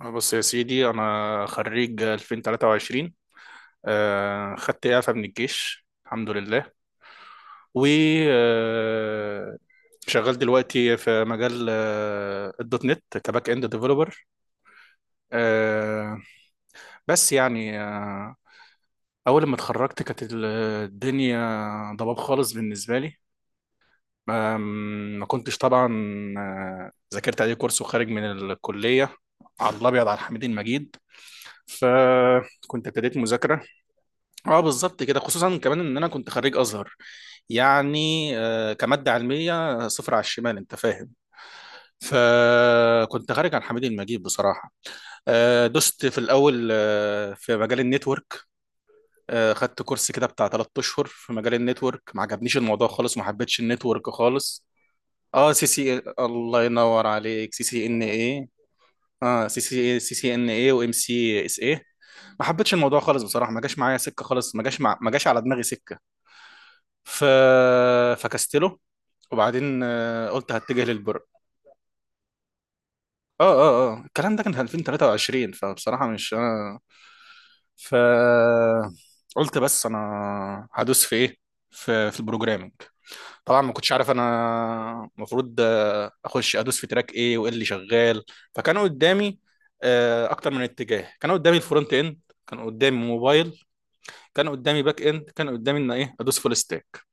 بص يا سيدي، أنا خريج 2023، خدت إعفاء من الجيش، الحمد لله. و آه، شغال دلوقتي في مجال الدوت نت كباك اند ديفلوبر. آه، بس يعني أول ما اتخرجت كانت الدنيا ضباب خالص بالنسبة لي. آم، ما كنتش طبعا ذاكرت أي كورس وخارج من الكلية على الأبيض على الحميد المجيد، فكنت ابتديت مذاكرة. اه، بالظبط كده. خصوصا كمان ان انا كنت خريج ازهر، يعني كماده علميه صفر على الشمال، انت فاهم. فكنت خارج عن حميد المجيد بصراحه. دست في الاول في مجال النتورك. خدت كورس كده بتاع 3 اشهر في مجال النتورك، ما عجبنيش الموضوع خالص، ما حبيتش النتورك خالص. اه، سي سي إيه، الله ينور عليك، سي سي ان ايه. اه، سي سي إيه، سي سي ان ايه، وام سي اس ايه. ما حبيتش الموضوع خالص بصراحه، ما جاش معايا سكه خالص. ما جاش على دماغي سكه. ف... فكستله، وبعدين قلت هتجه للبر. اه اه اه، الكلام ده كان في 2023، فبصراحة مش انا. ف قلت بس انا هدوس في ايه؟ في البروجرامنج. طبعا ما كنتش عارف انا المفروض اخش ادوس في تراك ايه، وايه اللي شغال. فكانوا قدامي اكتر من اتجاه. كان قدامي الفرونت اند، كان قدامي موبايل، كان قدامي باك اند، كان قدامي ان ايه ادوس فول ستاك.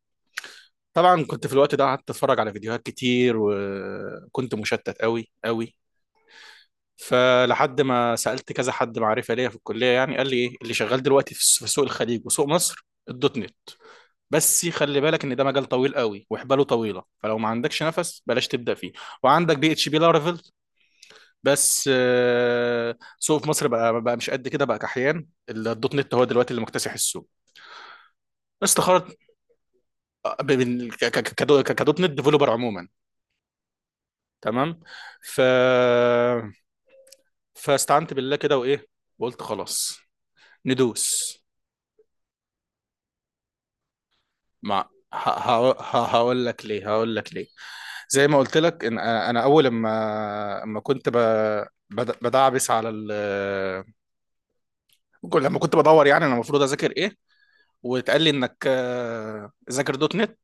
طبعا كنت في الوقت ده قعدت اتفرج على فيديوهات كتير، وكنت مشتت قوي قوي. فلحد ما سألت كذا حد معرفة ليا في الكلية، يعني قال لي ايه اللي شغال دلوقتي في سوق الخليج وسوق مصر: الدوت نت. بس خلي بالك ان ده مجال طويل قوي وحباله طويلة، فلو ما عندكش نفس بلاش تبدأ فيه. وعندك بي اتش بي لارافيل، بس سوق في مصر بقى مش قد كده بقى، كحيان الدوت نت هو دلوقتي اللي مكتسح السوق. استخرت كدوت نت ديفلوبر عموما، تمام. ف فاستعنت بالله كده، وايه، وقلت خلاص ندوس. مع ه- ه- ه- هقول لك ليه، هقول لك ليه. زي ما قلت لك ان انا، اول ما كنت بدعبس على لما كنت بدور يعني انا المفروض اذاكر ايه، واتقال لي انك ذاكر دوت نت.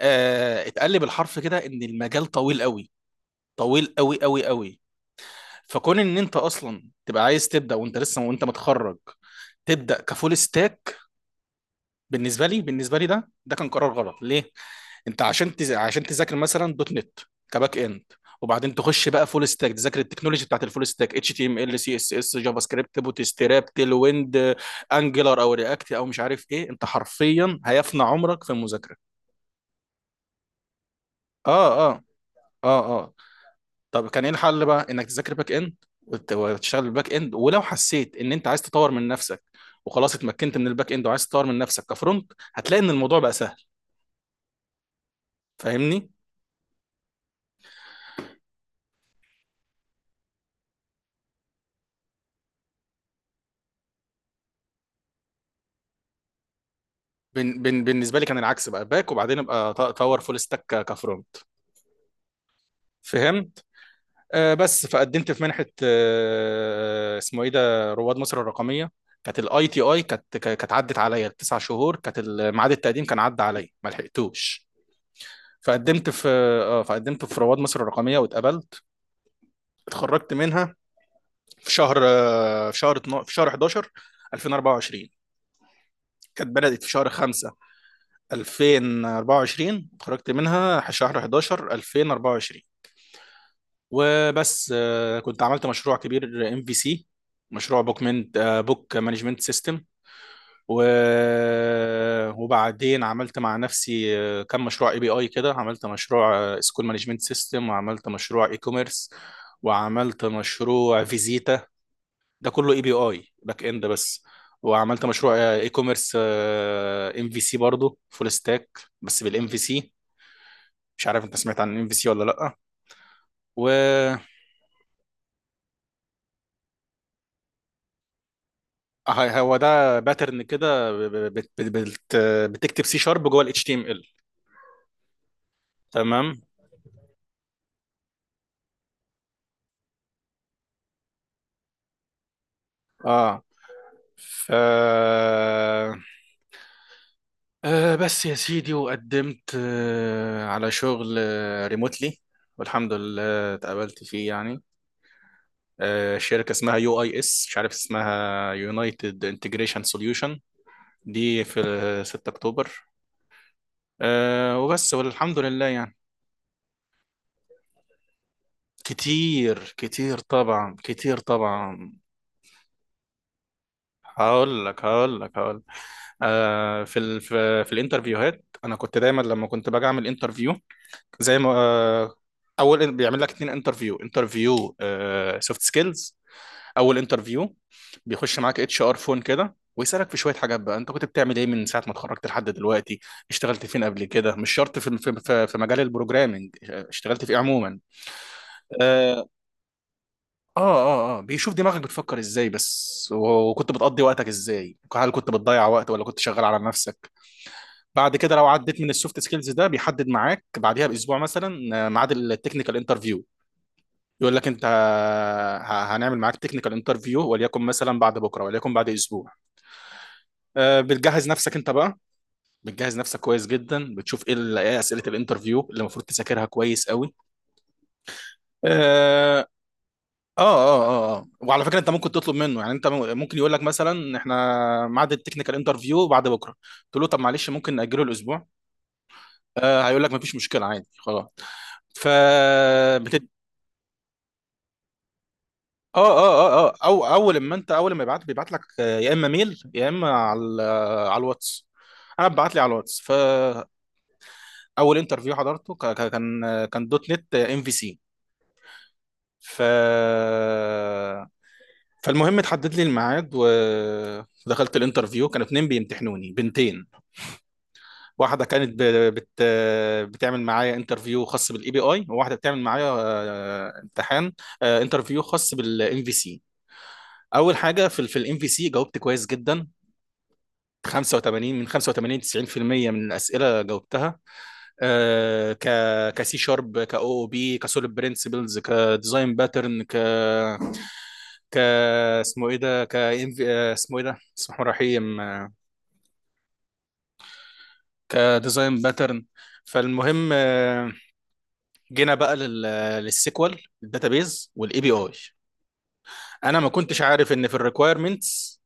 اتقال لي بالحرف كده ان المجال طويل قوي، طويل قوي قوي قوي. فكون ان انت اصلا تبقى عايز تبدا وانت لسه وانت متخرج، تبدا كفول ستاك، بالنسبه لي، ده كان قرار غلط. ليه؟ انت عشان تذاكر مثلا دوت نت كباك اند، وبعدين تخش بقى فول ستاك، تذاكر التكنولوجي بتاعت الفول ستاك: اتش تي ام ال، سي اس اس، جافا سكريبت، بوتستراب، تيل ويند، انجلر او رياكت او مش عارف ايه. انت حرفيا هيفنى عمرك في المذاكره. اه اه اه اه. طب كان ايه الحل؟ بقى انك تذاكر باك اند، وتشتغل بالباك اند، ولو حسيت ان انت عايز تطور من نفسك، وخلاص اتمكنت من الباك اند وعايز تطور من نفسك كفرونت، هتلاقي ان الموضوع بقى سهل. فاهمني؟ بن بن بالنسبه لي كان العكس، بقى باك، وبعدين ابقى اطور فول ستاك كفرونت. فهمت؟ آه بس، فقدمت في منحه، آه اسمه ايه ده، رواد مصر الرقميه. كانت الاي تي اي، كانت كانت عدت عليا التسع شهور، كانت ميعاد التقديم كان عدى عليا، ما لحقتوش. فقدمت في، آه، فقدمت في رواد مصر الرقميه واتقبلت. اتخرجت منها في شهر في شهر 12، في شهر 11 2024. كانت بدأت في شهر 5 2024، اتخرجت منها شهر 11 2024. وبس. كنت عملت مشروع كبير ام في سي، مشروع بوكمنت، بوك مانجمنت سيستم. و... وبعدين عملت مع نفسي كم مشروع اي بي اي كده. عملت مشروع سكول مانجمنت سيستم، وعملت مشروع اي كوميرس، وعملت مشروع فيزيتا. ده كله اي بي اي باك اند بس. وعملت مشروع اي كوميرس ام في سي برضه، فول ستاك بس بالام في سي. مش عارف انت سمعت عن الام في سي ولا لا. و هو ده باترن كده. بتكتب سي شارب جوه الاتش تي ام ال. تمام، اه. ف آه بس يا سيدي، وقدمت آه على شغل ريموتلي، والحمد لله اتقابلت فيه يعني. شركة اسمها يو اي اس، مش عارف اسمها، يونايتد انتجريشن سوليوشن، دي في ال 6 اكتوبر. وبس، والحمد لله يعني. كتير كتير طبعا، كتير طبعا. هقول لك، هقول لك، هقول لك. في الانترفيوهات، انا كنت دايما لما كنت باجي اعمل انترفيو، زي ما اول بيعمل لك اتنين انترفيو. انترفيو سوفت سكيلز، اول انترفيو، بيخش معاك اتش ار فون كده ويسالك في شويه حاجات، بقى انت كنت بتعمل ايه من ساعه ما اتخرجت لحد دلوقتي؟ اشتغلت فين قبل كده؟ مش شرط في مجال البروجرامنج، اشتغلت في ايه عموما. اه اه اه. بيشوف دماغك بتفكر ازاي بس، وكنت بتقضي وقتك ازاي، هل كنت بتضيع وقت ولا كنت شغال على نفسك. بعد كده لو عديت من السوفت سكيلز ده، بيحدد معاك بعديها باسبوع مثلا ميعاد التكنيكال انترفيو. يقول لك انت، هنعمل معاك تكنيكال انترفيو، وليكن مثلا بعد بكره، وليكن بعد اسبوع. بتجهز نفسك انت بقى، بتجهز نفسك كويس جدا، بتشوف ايه إيه اسئله الانترفيو اللي المفروض تذاكرها كويس قوي. اه اه اه اه. وعلى فكره، انت ممكن تطلب منه، يعني انت ممكن يقول لك مثلا احنا ميعاد التكنيكال انترفيو بعد بكره، تقول له طب معلش ممكن ناجله الاسبوع، آه هيقول لك مفيش مشكله عادي خلاص. ف بتد... اه اه اه اه، او اول ما انت، اول ما يبعت، بيبعت لك يا اما ميل يا اما على الواتس. انا ببعت لي على الواتس. اول انترفيو حضرته، كان دوت نت ام في سي. ف فالمهم اتحدد لي الميعاد، ودخلت الانترفيو. كانوا اتنين بيمتحنوني، بنتين. واحده كانت بت... بتعمل معايا انترفيو خاص بالاي بي اي، وواحده بتعمل معايا امتحان، انترفيو خاص بالام في سي. اول حاجه، في الام في سي، جاوبت كويس جدا، 85 من 85، 90% من الاسئله جاوبتها. آه، ك كسي شارب، كاو او بي، كسوليد برنسبلز، كديزاين باترن، ك ك اسمه ايه ده، اسمه ايه ده، بسم الله الرحمن الرحيم، كديزاين باترن. فالمهم جينا بقى للسيكوال الداتابيز والاي بي اي. انا ما كنتش عارف ان في الريكويرمنتس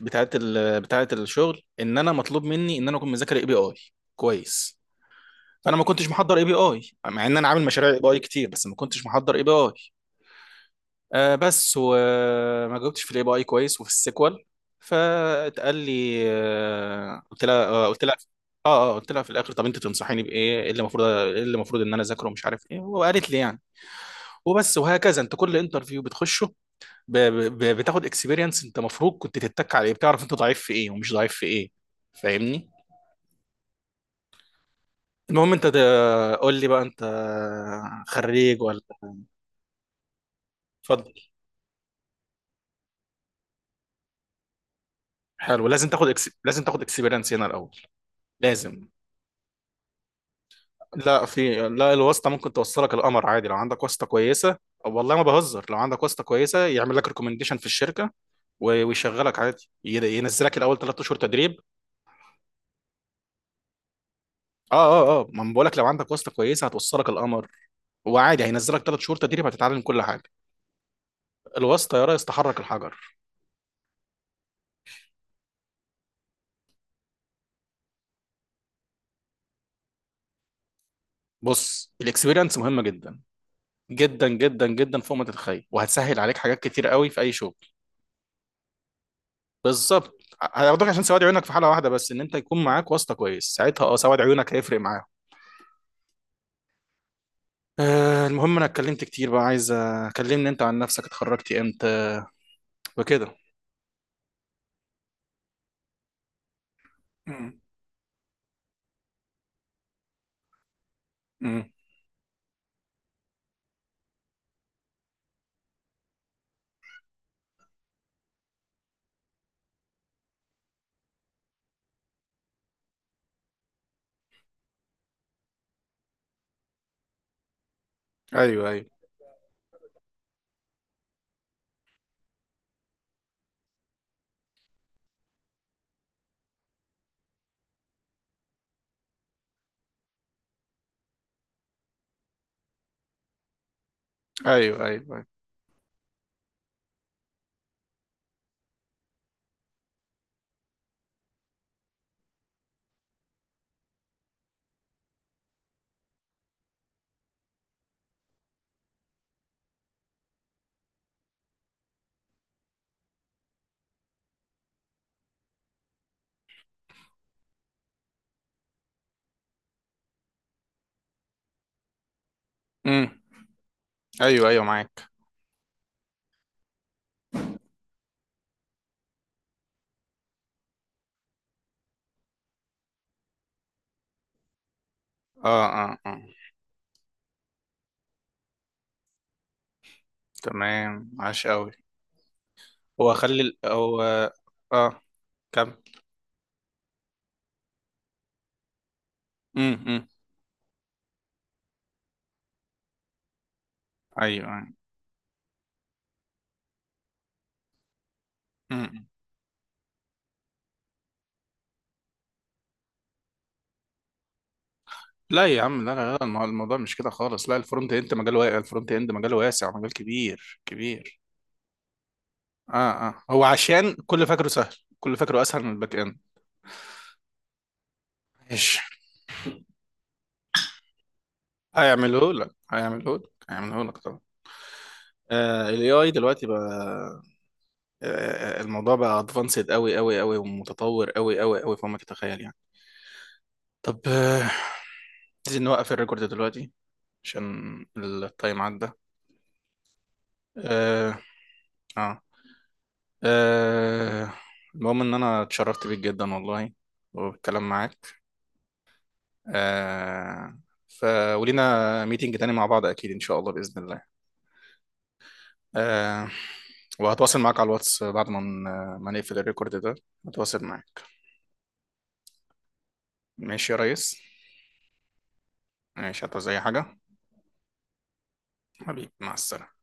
بتاعت الشغل ان انا مطلوب مني ان انا اكون مذاكر اي بي اي كويس. فانا ما كنتش محضر اي بي اي، مع ان انا عامل مشاريع اي بي اي كتير، بس ما كنتش محضر اي بي اي. آه بس، وما جاوبتش في الاي بي اي كويس وفي السيكوال. فاتقال لي، قلت لها، قلت لها في الاخر: طب انت تنصحيني بايه؟ ايه اللي المفروض، ان انا اذاكره، ومش عارف ايه، وقالت لي يعني. وبس، وهكذا انت كل انترفيو بتخشه ب... بتاخد اكسبيرينس. انت المفروض كنت تتك على ايه، بتعرف انت ضعيف في ايه ومش ضعيف في ايه. فاهمني؟ المهم، انت قول لي بقى، انت خريج ولا؟ اتفضل. حلو. لازم تاخد لازم تاخد اكسبيرينس هنا الاول. لازم. لا، في، لا، الواسطة ممكن توصلك القمر عادي لو عندك واسطة كويسة. والله ما بهزر، لو عندك واسطة كويسة يعمل لك ريكومنديشن في الشركة، ويشغلك عادي. ينزلك الأول ثلاث أشهر تدريب. اه اه اه، ما أنا بقولك، لو عندك واسطة كويسة هتوصلك القمر، وعادي هينزلك ثلاث شهور تدريب، هتتعلم كل حاجة. الواسطة يا ريس تحرك الحجر. بص، الاكسبيرينس مهمة جدا جدا جدا جدا فوق ما تتخيل، وهتسهل عليك حاجات كتير قوي في أي شغل. بالظبط. هياخدوك عشان سواد عيونك في حالة واحدة بس، إن أنت يكون معاك واسطة كويس، ساعتها اه، سواد عيونك هيفرق معاك. أه، المهم، انا اتكلمت كتير، بقى عايز اكلمني انت عن نفسك. اتخرجت امتى وكده؟ امم، امم. ايوه ايوه ايوه ايوه ايوه. امم. ايوه ايوه، معاك. اه اه اه. تمام، عاش قوي. هو خلي هو، اه، كمل. امم، امم. ايوه ايوه. امم. لا يا عم، لا لا لا، الموضوع مش كده خالص. لا، الفرونت اند مجال واسع، الفرونت اند مجال واسع، مجال كبير كبير. اه اه، هو عشان كل فاكره سهل، كل فاكره اسهل من الباك اند. ماشي، هيعمله لك، هيعمله لك، هيعمله لك طبعا. آه ال AI دلوقتي بقى، آه الموضوع بقى ادفانسد قوي قوي قوي، ومتطور قوي قوي قوي فوق ما تتخيل يعني. طب عايزين نوقف الريكورد دلوقتي عشان التايم عدى. آه اه, آه المهم ان انا اتشرفت بيك جدا والله، وبالكلام معاك. آه ف ولينا ميتنج تاني مع بعض، اكيد ان شاء الله باذن الله. آه وهتواصل معاك على الواتس بعد ما ما نقفل الريكورد ده، هتواصل معاك. ماشي يا ريس. ماشي، هتعوز اي حاجة. حبيبي مع السلامة.